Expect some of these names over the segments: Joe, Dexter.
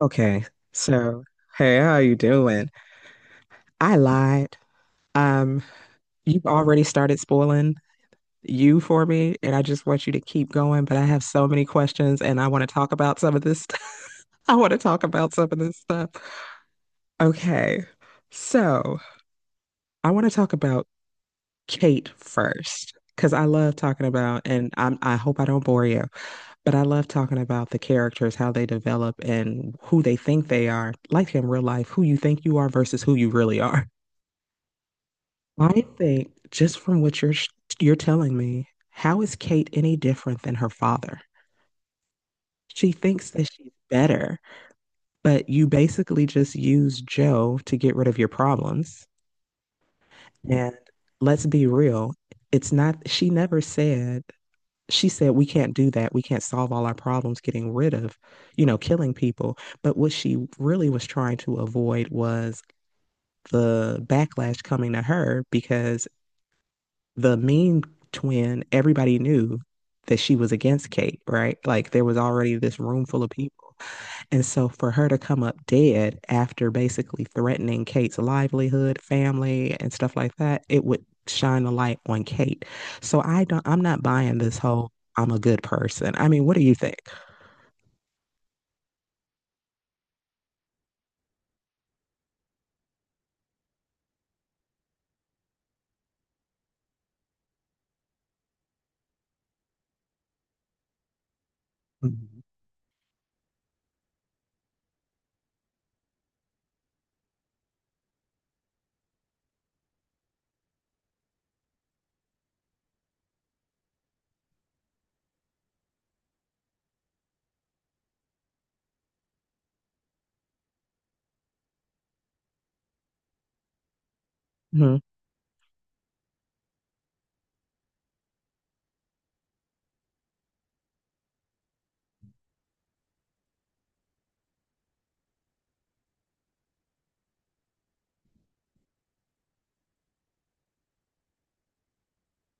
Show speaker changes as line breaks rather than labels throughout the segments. Okay, so hey, how you doing? I lied. Um, you've already started spoiling you for me, and I just want you to keep going, but I have so many questions and I want to talk about some of this stuff. I want to talk about some of this stuff. Okay, so I want to talk about Kate first, because I love talking about, and I hope I don't bore you, but I love talking about the characters, how they develop and who they think they are, like in real life, who you think you are versus who you really are. I think just from you're telling me, how is Kate any different than her father? She thinks that she's better, but you basically just use Joe to get rid of your problems. And let's be real, it's not, she never said, she said, we can't do that. We can't solve all our problems getting rid of, killing people. But what she really was trying to avoid was the backlash coming to her because the mean twin, everybody knew that she was against Kate, right? Like there was already this room full of people. And so for her to come up dead after basically threatening Kate's livelihood, family, and stuff like that, it would shine a light on Kate. So I'm not buying this whole I'm a good person. I mean, what do you think? Mm-hmm.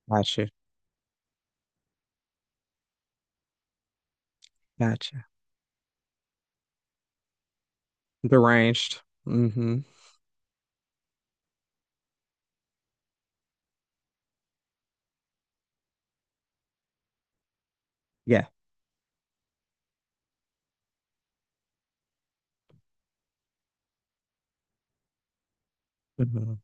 Gotcha. Gotcha. Deranged. Hmm. Yeah. Mhm.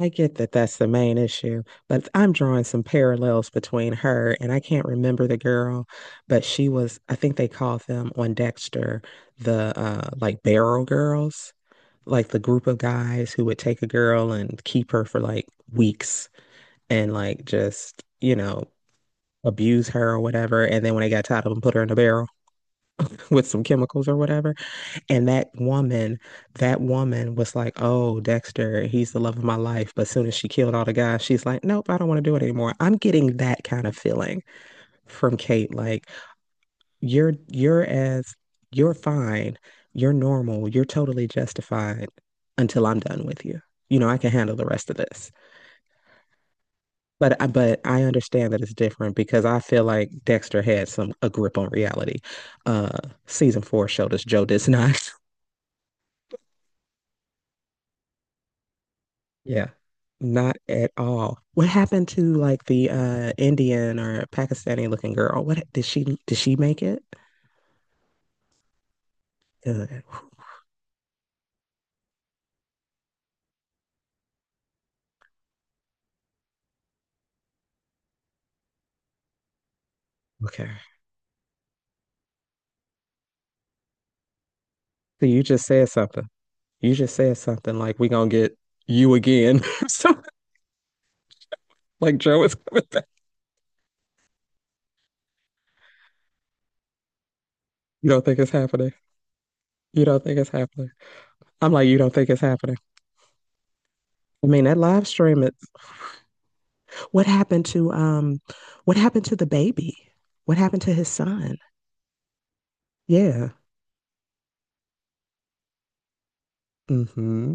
I get that that's the main issue, but I'm drawing some parallels between her and I can't remember the girl, but she was, I think they called them on Dexter the like barrel girls, like the group of guys who would take a girl and keep her for like weeks and like just, you know, abuse her or whatever. And then when they got tired of them, put her in a barrel with some chemicals or whatever. And that woman was like, "Oh, Dexter, he's the love of my life." But as soon as she killed all the guys, she's like, "Nope, I don't want to do it anymore." I'm getting that kind of feeling from Kate. Like you're as you're fine, you're normal, you're totally justified until I'm done with you. You know, I can handle the rest of this. But I understand that it's different because I feel like Dexter had some a grip on reality. Uh, Season four showed us Joe does not. Yeah, not at all. What happened to like the Indian or Pakistani looking girl? What did she make it? Good. Okay. So you just said something. You just said something like we gonna get you again. So like Joe is coming back. You don't think it's happening. You don't think it's happening. I'm like, you don't think it's happening. I mean, that live stream, what happened to um what happened to the baby? What happened to his son? Yeah. Mm-hmm.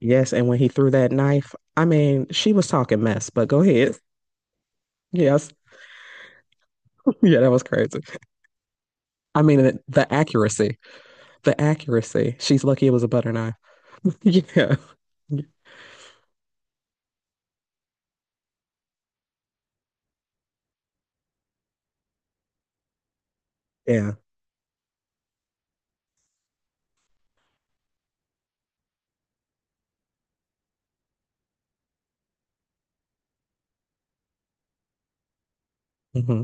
Yes, and when he threw that knife, I mean, she was talking mess, but go ahead. Yes. Yeah, that was crazy. I mean, the accuracy, the accuracy. She's lucky it was a butter knife. Yeah. Yeah. Hmm.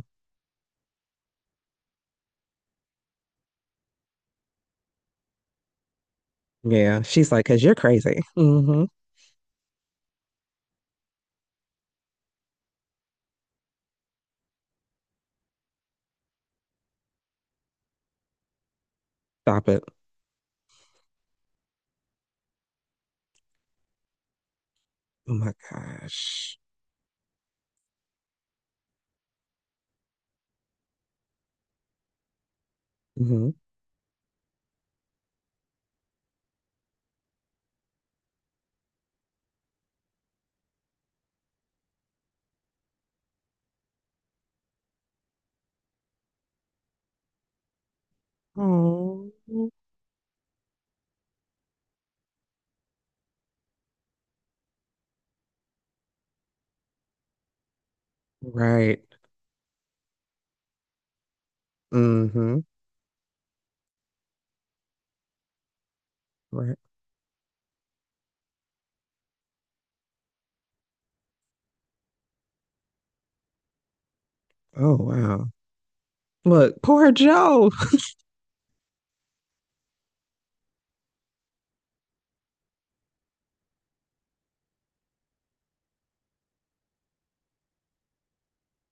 Yeah. She's like, because you're crazy. Hmm. Stop it. Oh my gosh. Hmm. Oh. Right. Hmm. Right. Oh, wow. Look, poor Joe.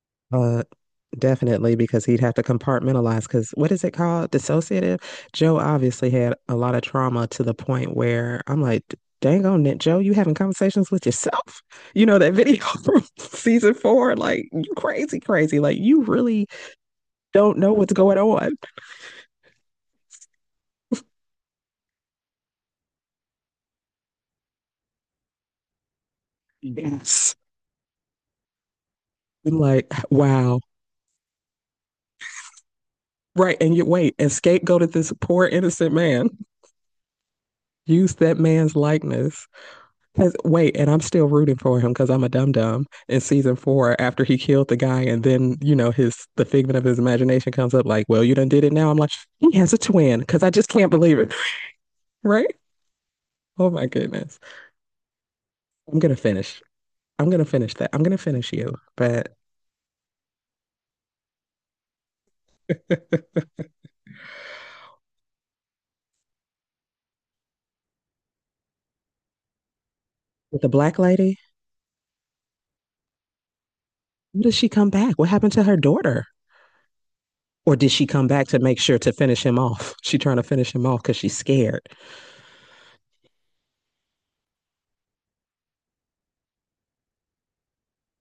Uh, Definitely, because he'd have to compartmentalize. Because what is it called? Dissociative. Joe obviously had a lot of trauma to the point where I'm like, dang on it, Joe, you having conversations with yourself? You know, that video from season four, like, you crazy, crazy. Like, you really don't know what's going on. Yes. And like, wow. Right. And you wait, and scapegoated this poor innocent man, used that man's likeness 'Cause- wait, and I'm still rooting for him because I'm a dum dum in season four after he killed the guy, and then you know his the figment of his imagination comes up like, well, you done did it now. I'm like, he has a twin because I just can't believe it, right? Oh my goodness, I'm gonna finish. I'm gonna finish that. I'm gonna finish you. But with the black lady, when does she come back? What happened to her daughter? Or did she come back to make sure to finish him off? She trying to finish him off because she's scared.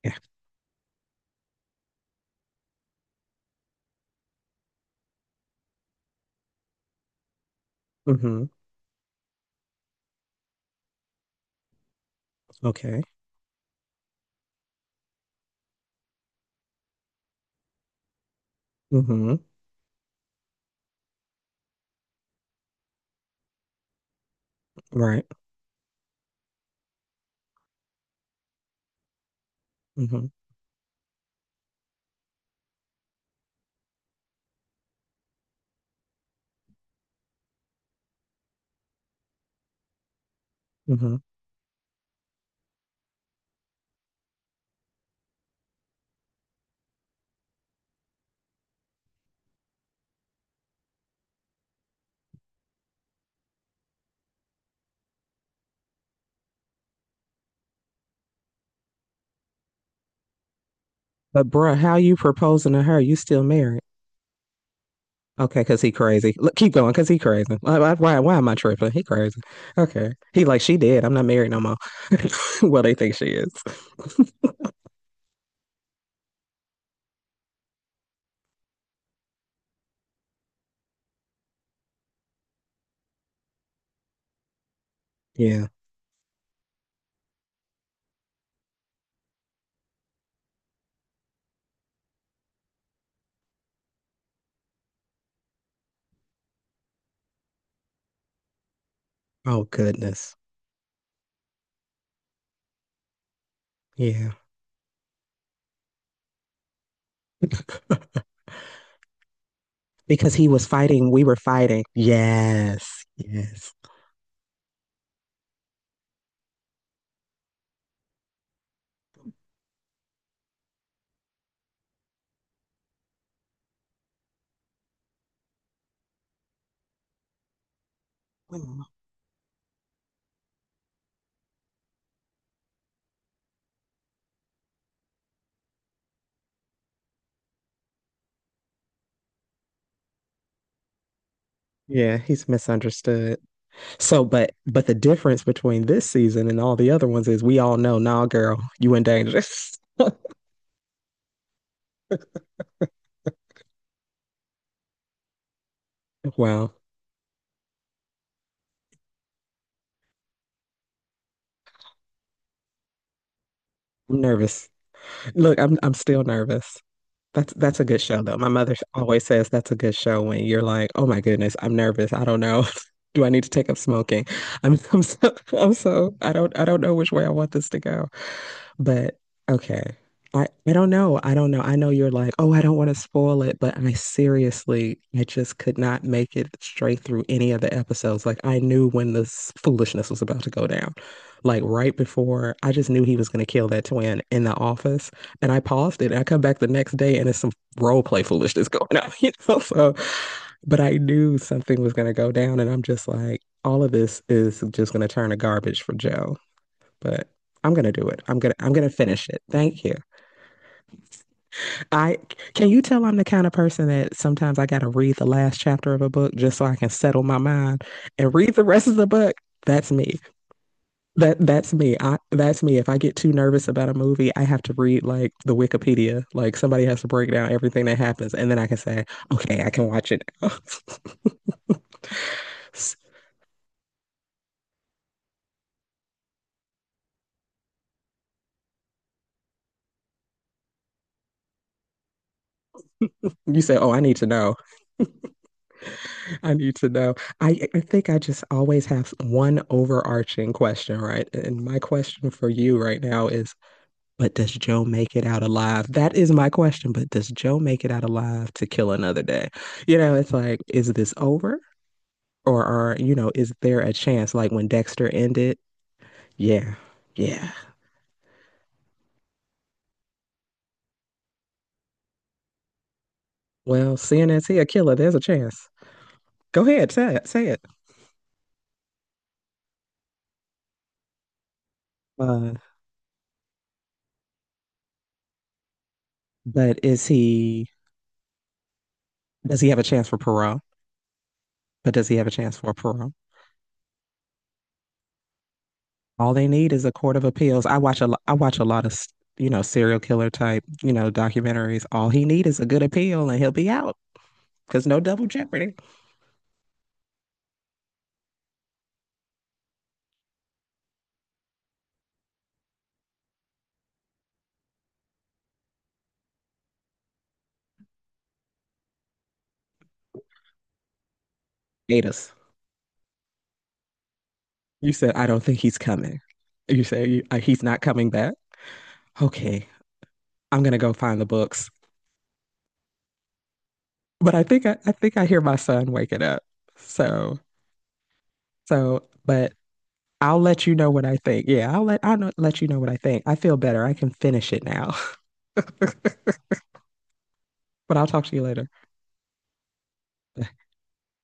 Yeah. Mm-hmm. Okay. Mm-hmm. Right. Mm-hmm. Mm-hmm. But bruh, how you proposing to her? You still married? Okay, because he crazy. Look, keep going, because he crazy. Why am I tripping? He crazy. Okay. He like, she dead. I'm not married no more. Well, they think she is. Yeah. Oh, goodness. Yeah. Because he was fighting, we were fighting. Yes. Yes. Yeah, he's misunderstood. So, but the difference between this season and all the other ones is we all know, nah, girl, you in danger. Wow. I'm nervous. Look, I'm still nervous. That's a good show though. My mother always says that's a good show when you're like, "Oh my goodness, I'm nervous. I don't know. Do I need to take up smoking?" I'm so I don't know which way I want this to go. But okay. I don't know. I don't know. I know you're like, oh, I don't want to spoil it, but I seriously, I just could not make it straight through any of the episodes. Like I knew when this foolishness was about to go down. Like right before, I just knew he was going to kill that twin in the office, and I paused it. And I come back the next day, and it's some role play foolishness going on, you know. So, but I knew something was going to go down, and I'm just like, all of this is just going to turn to garbage for Joe but I'm gonna do it. I'm gonna finish it. Thank you. I can you tell I'm the kind of person that sometimes I gotta read the last chapter of a book just so I can settle my mind and read the rest of the book. That's me. That that's me. I that's me. If I get too nervous about a movie, I have to read like the Wikipedia. Like somebody has to break down everything that happens, and then I can say, okay, I can watch it now. You say, oh, I need to know. I need to know. I think I just always have one overarching question, right? And my question for you right now is, but does Joe make it out alive? That is my question, but does Joe make it out alive to kill another day? You know, it's like, is this over? Or are, you know, is there a chance like when Dexter ended? Yeah, yeah. Well, seeing as he a killer, there's a chance. Go ahead, say it, say it. Uh, but is he, does he have a chance for parole? But does he have a chance for parole? All they need is a court of appeals. I watch a lot of you know serial killer type you know documentaries. All he need is a good appeal and he'll be out because no double jeopardy. Gatus, you said I don't think he's coming. You say you, he's not coming back. Okay, I'm gonna go find the books. But I think I hear my son waking up. So so but I'll let you know what I think. Yeah, I'll let you know what I think. I feel better. I can finish it now. But I'll talk to you later.